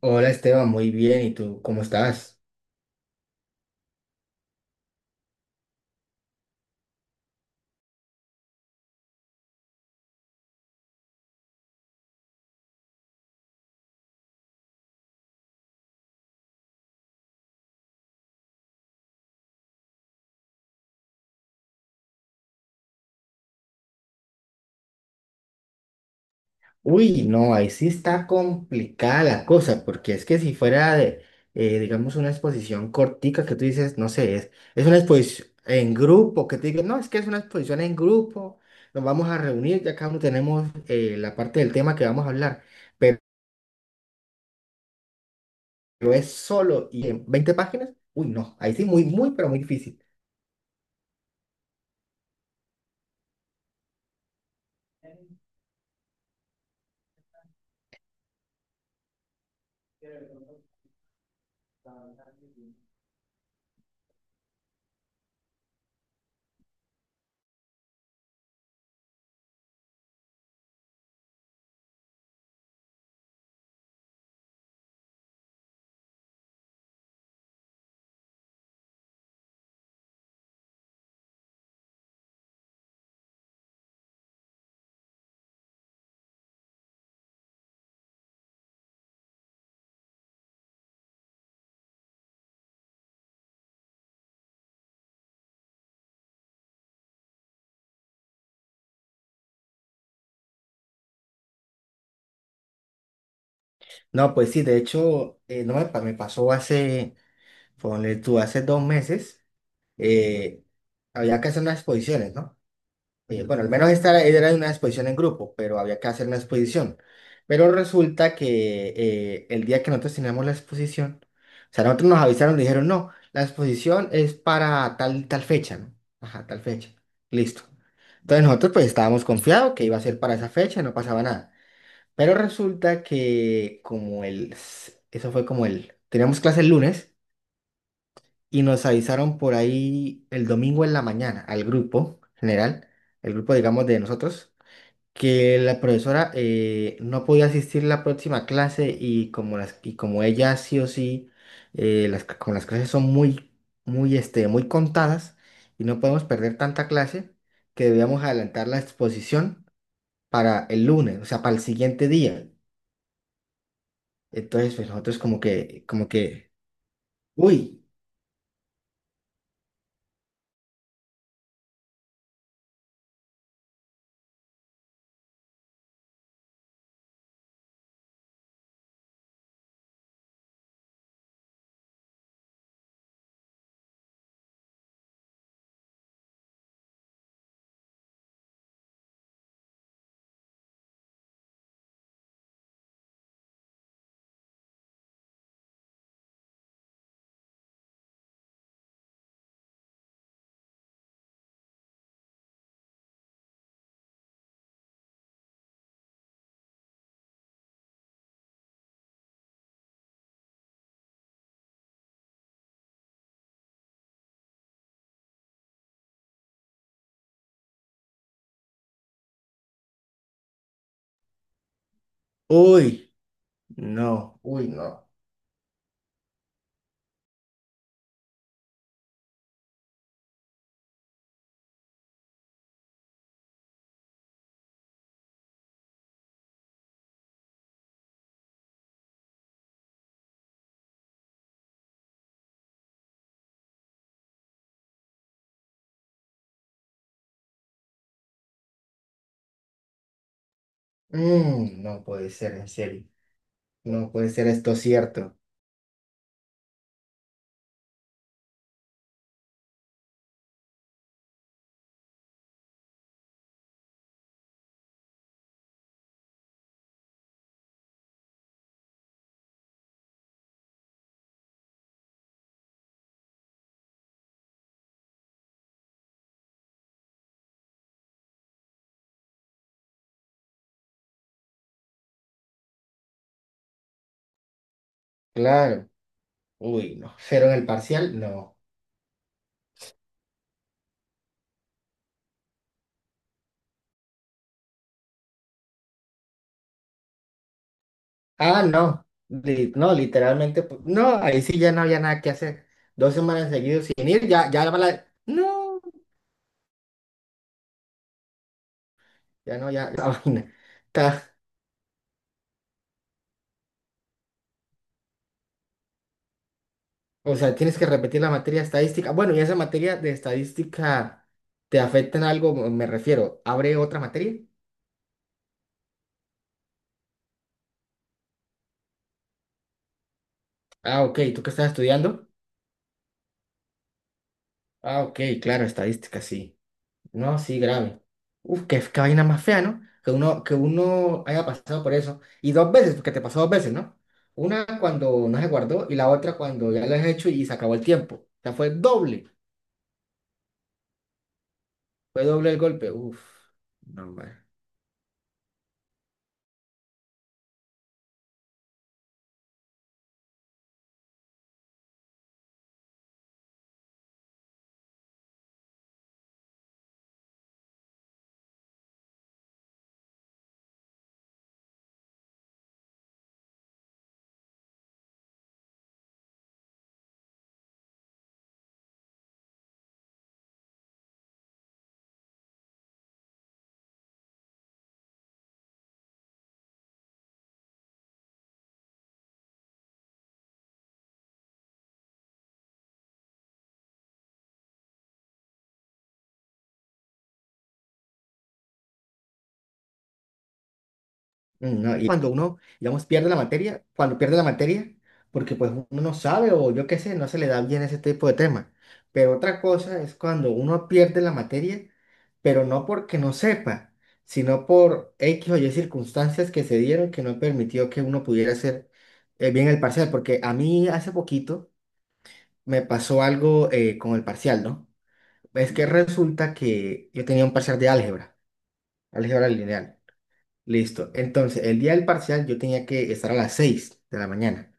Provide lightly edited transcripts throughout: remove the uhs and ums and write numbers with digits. Hola Esteban, muy bien. ¿Y tú cómo estás? Uy, no, ahí sí está complicada la cosa, porque es que si fuera de, digamos, una exposición cortica que tú dices, no sé, es una exposición en grupo, que te digan, no, es que es una exposición en grupo, nos vamos a reunir, ya cada uno tenemos la parte del tema que vamos a hablar, pero, pero es solo y en 20 páginas, uy, no, ahí sí, muy, muy, pero muy difícil. No, pues sí, de hecho, no me, pa- me pasó hace, ponle tú, hace 2 meses. eh, Había que hacer unas exposiciones, ¿no? Bueno, al menos esta era una exposición en grupo, pero había que hacer una exposición. Pero resulta que el día que nosotros teníamos la exposición, o sea, nosotros nos avisaron, nos dijeron, no, la exposición es para tal fecha, ¿no? Ajá, tal fecha. Listo. Entonces nosotros pues estábamos confiados que iba a ser para esa fecha, no pasaba nada. Pero resulta que como el, eso fue como el, teníamos clase el lunes y nos avisaron por ahí el domingo en la mañana al grupo general, el grupo digamos de nosotros, que la profesora no podía asistir la próxima clase y como las y como ella sí o sí las como las clases son muy muy muy contadas y no podemos perder tanta clase que debíamos adelantar la exposición para el lunes, o sea, para el siguiente día. Entonces, pues nosotros como que uy, uy, no, uy, no. Mm, no puede ser, en serio. No puede ser esto cierto. Claro. Uy, no. Cero en el parcial, no. Ah, no. No, literalmente. No, ahí sí ya no había nada que hacer. 2 semanas seguidas sin ir, ya, ya va la. No, ya no, ya la vaina. Está- o sea, tienes que repetir la materia estadística. Bueno, y esa materia de estadística te afecta en algo, me refiero. ¿Abre otra materia? Ah, ok. ¿Tú qué estás estudiando? Ah, ok, claro, estadística, sí. No, sí, grave. Uf, qué vaina más fea, ¿no? Que uno, haya pasado por eso. Y dos veces, porque te pasó dos veces, ¿no? Una cuando no se guardó y la otra cuando ya lo has hecho y se acabó el tiempo. O sea, fue doble. Fue doble el golpe. Uf, no, hombre. Mm, ¿no? Y cuando uno, digamos, pierde la materia, cuando pierde la materia, porque pues uno no sabe o yo qué sé, no se le da bien ese tipo de tema. Pero otra cosa es cuando uno pierde la materia, pero no porque no sepa, sino por X o Y circunstancias que se dieron que no permitió que uno pudiera hacer bien el parcial. Porque a mí hace poquito me pasó algo con el parcial, ¿no? Es que resulta que yo tenía un parcial de álgebra, álgebra lineal. Listo. Entonces, el día del parcial yo tenía que estar a las 6 de la mañana.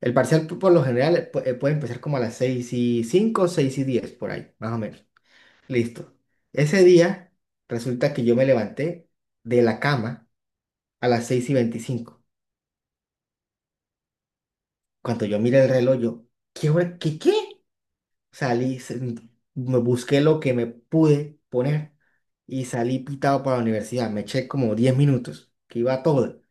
El parcial por lo general puede empezar como a las 6 y cinco, 6:10 por ahí, más o menos. Listo. Ese día resulta que yo me levanté de la cama a las 6:25. Cuando yo miré el reloj, yo, ¿qué hora? ¿Qué? Salí, me busqué lo que me pude poner y salí pitado para la universidad. Me eché como 10 minutos, que iba todo.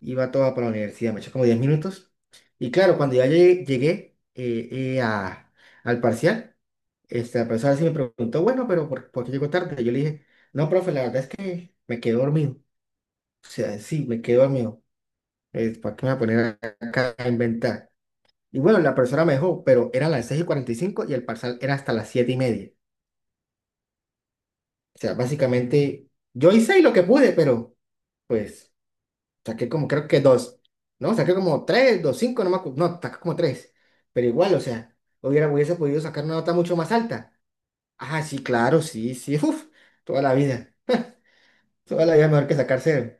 Iba toda para la universidad, me eché como 10 minutos. Y claro, cuando ya llegué, eh, a- al parcial, la profesora sí me preguntó, bueno, pero ¿ por qué llegó tarde? Yo le dije, no, profe, la verdad es que me quedé dormido. O sea, sí, me quedé dormido. ¿Para qué me voy a poner acá a inventar? Y bueno, la profesora me dejó, pero eran las 6:45 y el parcial era hasta las 7:30. O sea, básicamente yo hice lo que pude, pero pues... Saqué como, creo que dos. No, saqué como tres, dos, cinco, no me no, saqué como tres. Pero igual, o sea, hubiera, hubiese podido sacar una nota mucho más alta. Ah, sí, claro, sí, sí, uff, toda la vida. Toda la vida mejor que sacar cero.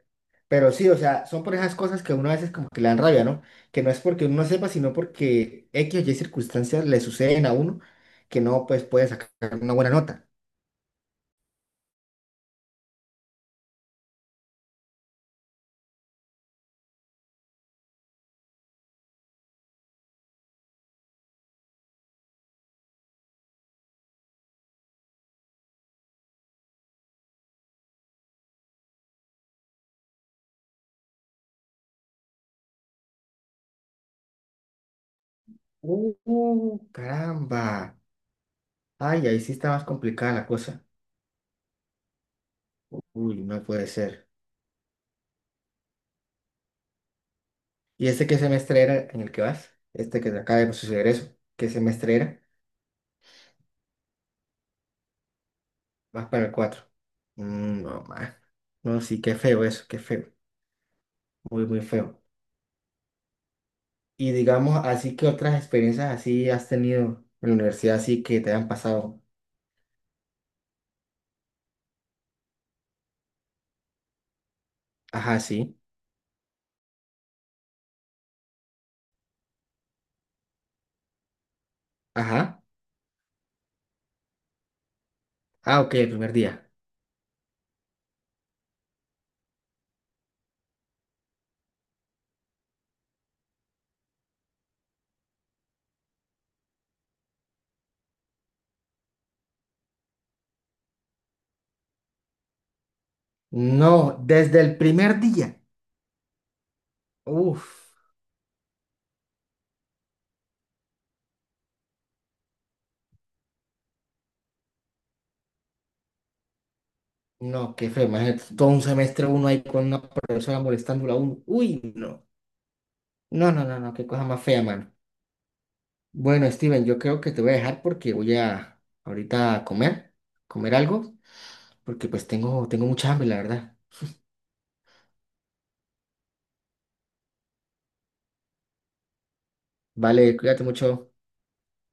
Pero sí, o sea, son por esas cosas que uno a veces como que le dan rabia, ¿no? Que no es porque uno no sepa, sino porque X o Y circunstancias le suceden a uno que no, pues, puede sacar una buena nota. Caramba. Ay, ahí sí está más complicada la cosa. Uy, no puede ser. ¿Y este qué semestre era en el que vas? Este que te acaba de suceder eso. ¿Qué semestre era? Vas para el cuatro. Mm, no, más. No, sí, qué feo eso, qué feo. Muy, muy feo. Y digamos, así que otras experiencias así has tenido en la universidad, así que te han pasado. Ajá, sí. Ajá. Ah, ok, el primer día. No, desde el primer día. Uf. No, qué feo. Imagínate, todo un semestre uno ahí con una profesora molestándola a uno. Uy, no. No, no, no, no, qué cosa más fea, mano. Bueno, Steven, yo creo que te voy a dejar porque voy a ahorita a comer, algo, porque pues tengo mucha hambre, la verdad. Vale, cuídate mucho.